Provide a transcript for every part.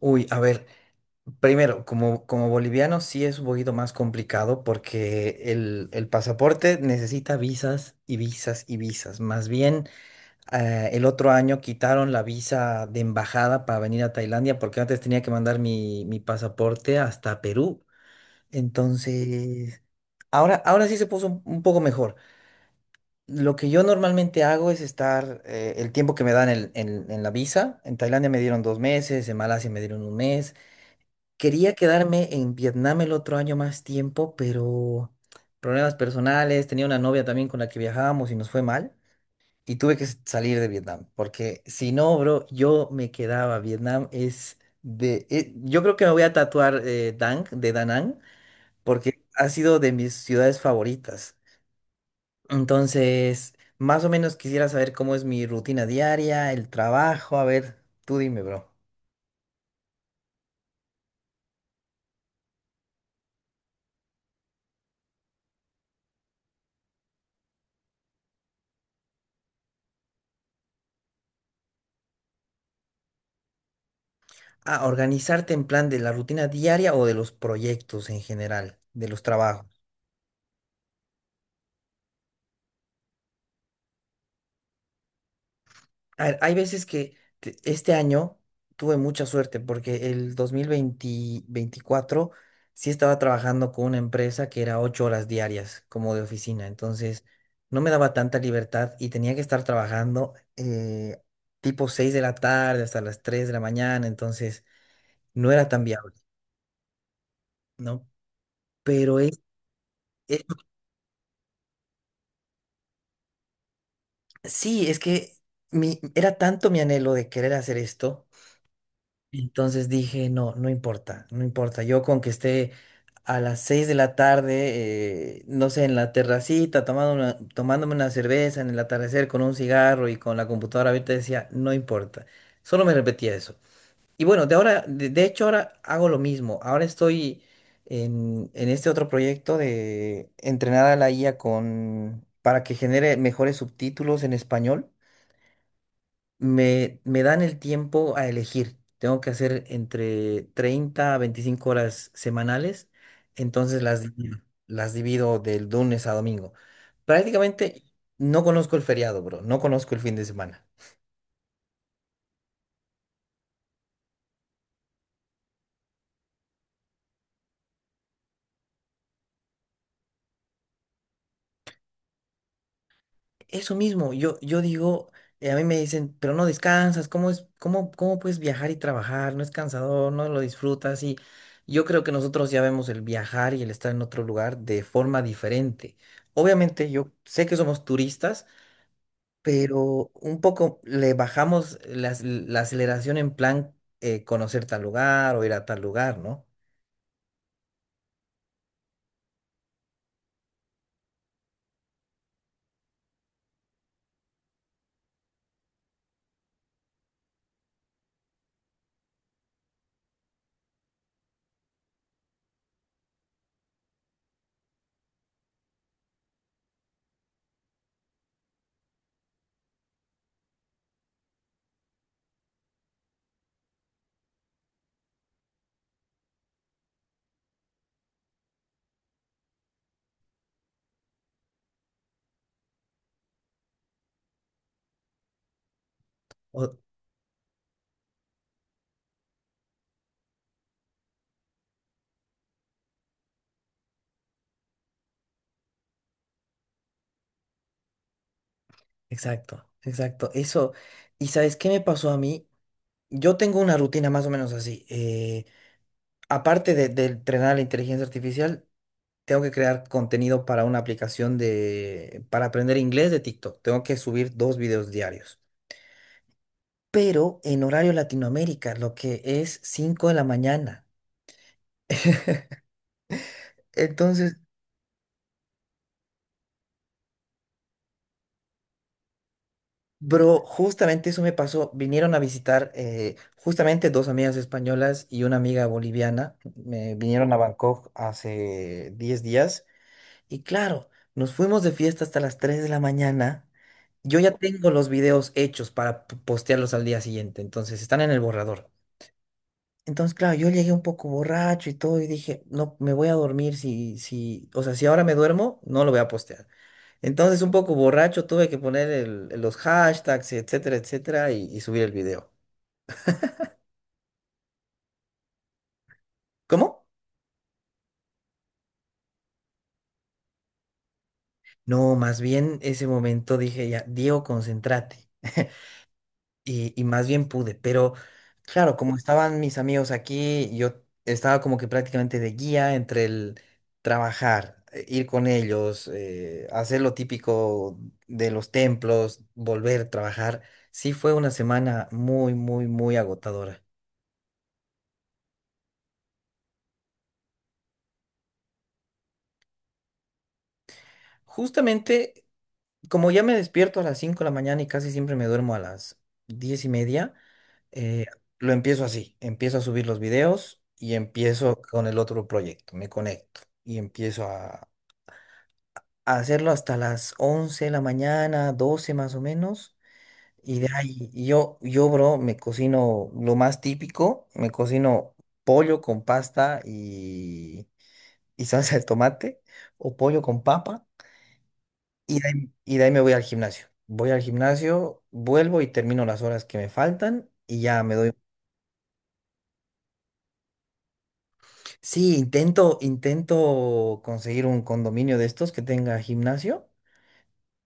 Uy, a ver, primero, como boliviano sí es un poquito más complicado porque el pasaporte necesita visas y visas y visas. Más bien, el otro año quitaron la visa de embajada para venir a Tailandia porque antes tenía que mandar mi pasaporte hasta Perú. Entonces, ahora sí se puso un poco mejor. Lo que yo normalmente hago es estar el tiempo que me dan en la visa. En Tailandia me dieron dos meses, en Malasia me dieron un mes. Quería quedarme en Vietnam el otro año más tiempo, pero problemas personales, tenía una novia también con la que viajábamos y nos fue mal. Y tuve que salir de Vietnam, porque si no, bro, yo me quedaba. Vietnam. Yo creo que me voy a tatuar Dang, de Da Nang, porque ha sido de mis ciudades favoritas. Entonces, más o menos quisiera saber cómo es mi rutina diaria, el trabajo. A ver, tú dime, bro. Ah, organizarte en plan de la rutina diaria o de los proyectos en general, de los trabajos. A ver, hay veces que este año tuve mucha suerte porque el 2024 sí estaba trabajando con una empresa que era 8 horas diarias como de oficina, entonces no me daba tanta libertad y tenía que estar trabajando tipo 6 de la tarde hasta las 3 de la mañana, entonces no era tan viable, ¿no? Pero es Sí, es que era tanto mi anhelo de querer hacer esto, entonces dije, no, no importa, no importa, yo con que esté a las 6 de la tarde, no sé, en la terracita, tomándome una cerveza en el atardecer con un cigarro y con la computadora abierta, decía, no importa, solo me repetía eso. Y bueno, de hecho ahora hago lo mismo, ahora estoy en este otro proyecto de entrenar a la IA para que genere mejores subtítulos en español. Me dan el tiempo a elegir. Tengo que hacer entre 30 a 25 horas semanales, entonces las divido del lunes a domingo. Prácticamente no conozco el feriado, bro, no conozco el fin de semana. Eso mismo, yo digo, a mí me dicen, pero no descansas, ¿cómo es, cómo puedes viajar y trabajar? No es cansador, no lo disfrutas y yo creo que nosotros ya vemos el viajar y el estar en otro lugar de forma diferente. Obviamente yo sé que somos turistas, pero un poco le bajamos la aceleración en plan conocer tal lugar o ir a tal lugar, ¿no? O- exacto, exacto. Eso, ¿y sabes qué me pasó a mí? Yo tengo una rutina más o menos así. Aparte de entrenar la inteligencia artificial, tengo que crear contenido para una aplicación para aprender inglés de TikTok. Tengo que subir dos videos diarios. Pero en horario Latinoamérica, lo que es 5 de la mañana. Entonces, bro, justamente eso me pasó. Vinieron a visitar justamente dos amigas españolas y una amiga boliviana. Me vinieron a Bangkok hace 10 días. Y claro, nos fuimos de fiesta hasta las 3 de la mañana. Yo ya tengo los videos hechos para postearlos al día siguiente. Entonces están en el borrador. Entonces, claro, yo llegué un poco borracho y todo y dije, no, me voy a dormir si, o sea, si ahora me duermo, no lo voy a postear. Entonces, un poco borracho, tuve que poner los hashtags, etcétera, etcétera, y subir el video. ¿Cómo? No, más bien ese momento dije, ya, Diego, concéntrate. Y más bien pude, pero claro, como estaban mis amigos aquí, yo estaba como que prácticamente de guía entre el trabajar, ir con ellos, hacer lo típico de los templos, volver a trabajar. Sí fue una semana muy, muy, muy agotadora. Justamente, como ya me despierto a las 5 de la mañana y casi siempre me duermo a las 10:30. Eh, lo empiezo así, empiezo a subir los videos y empiezo con el otro proyecto, me conecto y empiezo a hacerlo hasta las 11 de la mañana, 12 más o menos. Y de ahí yo, bro, me cocino lo más típico, me cocino pollo con pasta y salsa de tomate o pollo con papa, y de ahí me voy al gimnasio. Voy al gimnasio, vuelvo y termino las horas que me faltan y ya me doy. Sí, intento conseguir un condominio de estos que tenga gimnasio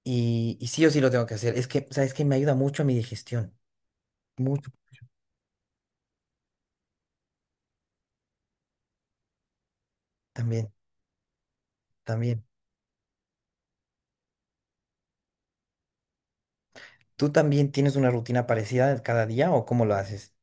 y sí o sí lo tengo que hacer. Es que, ¿sabes que me ayuda mucho a mi digestión? Mucho. También, también. ¿Tú también tienes una rutina parecida cada día o cómo lo haces?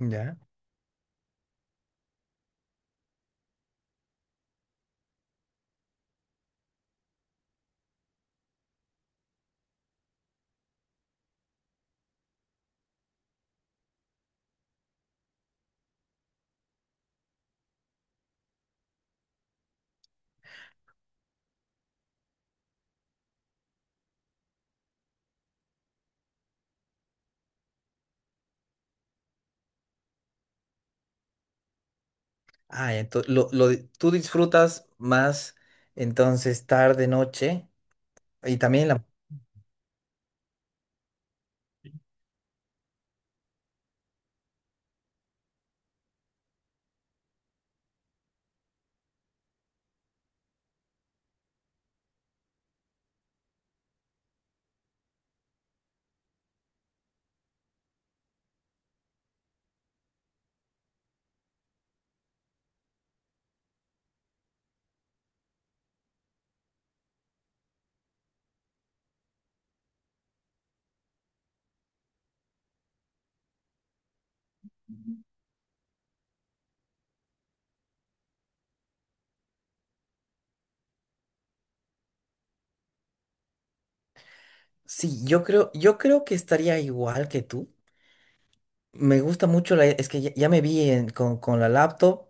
Ya. Ah, entonces, tú disfrutas más entonces tarde, noche y también la... Sí, yo creo que estaría igual que tú. Me gusta mucho es que ya me vi con la laptop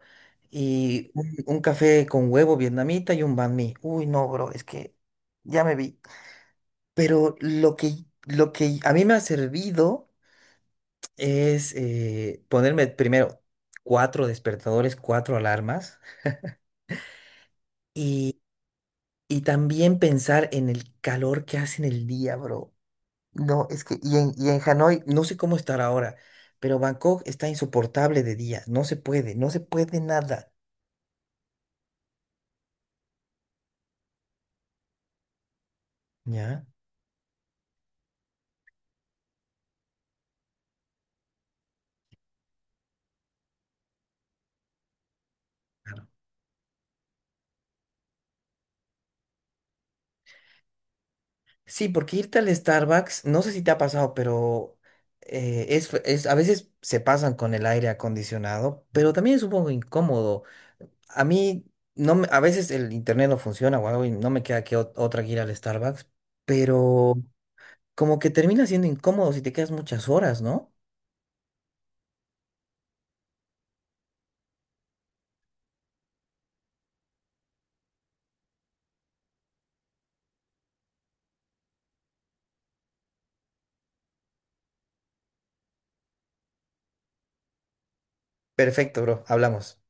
y un café con huevo vietnamita y un banh mi. Uy, no, bro, es que ya me vi. Pero lo que a mí me ha servido es ponerme primero cuatro despertadores, cuatro alarmas y, y también pensar en el calor que hace en el día, bro. No, es que, y en Hanoi, no sé cómo estar ahora, pero Bangkok está insoportable de día, no se puede, no se puede nada. Ya. Sí, porque irte al Starbucks, no sé si te ha pasado, pero a veces se pasan con el aire acondicionado, pero también es un poco incómodo. A mí, no me- a veces el internet no funciona o algo y no me queda que otra que ir al Starbucks, pero como que termina siendo incómodo si te quedas muchas horas, ¿no? Perfecto, bro, hablamos.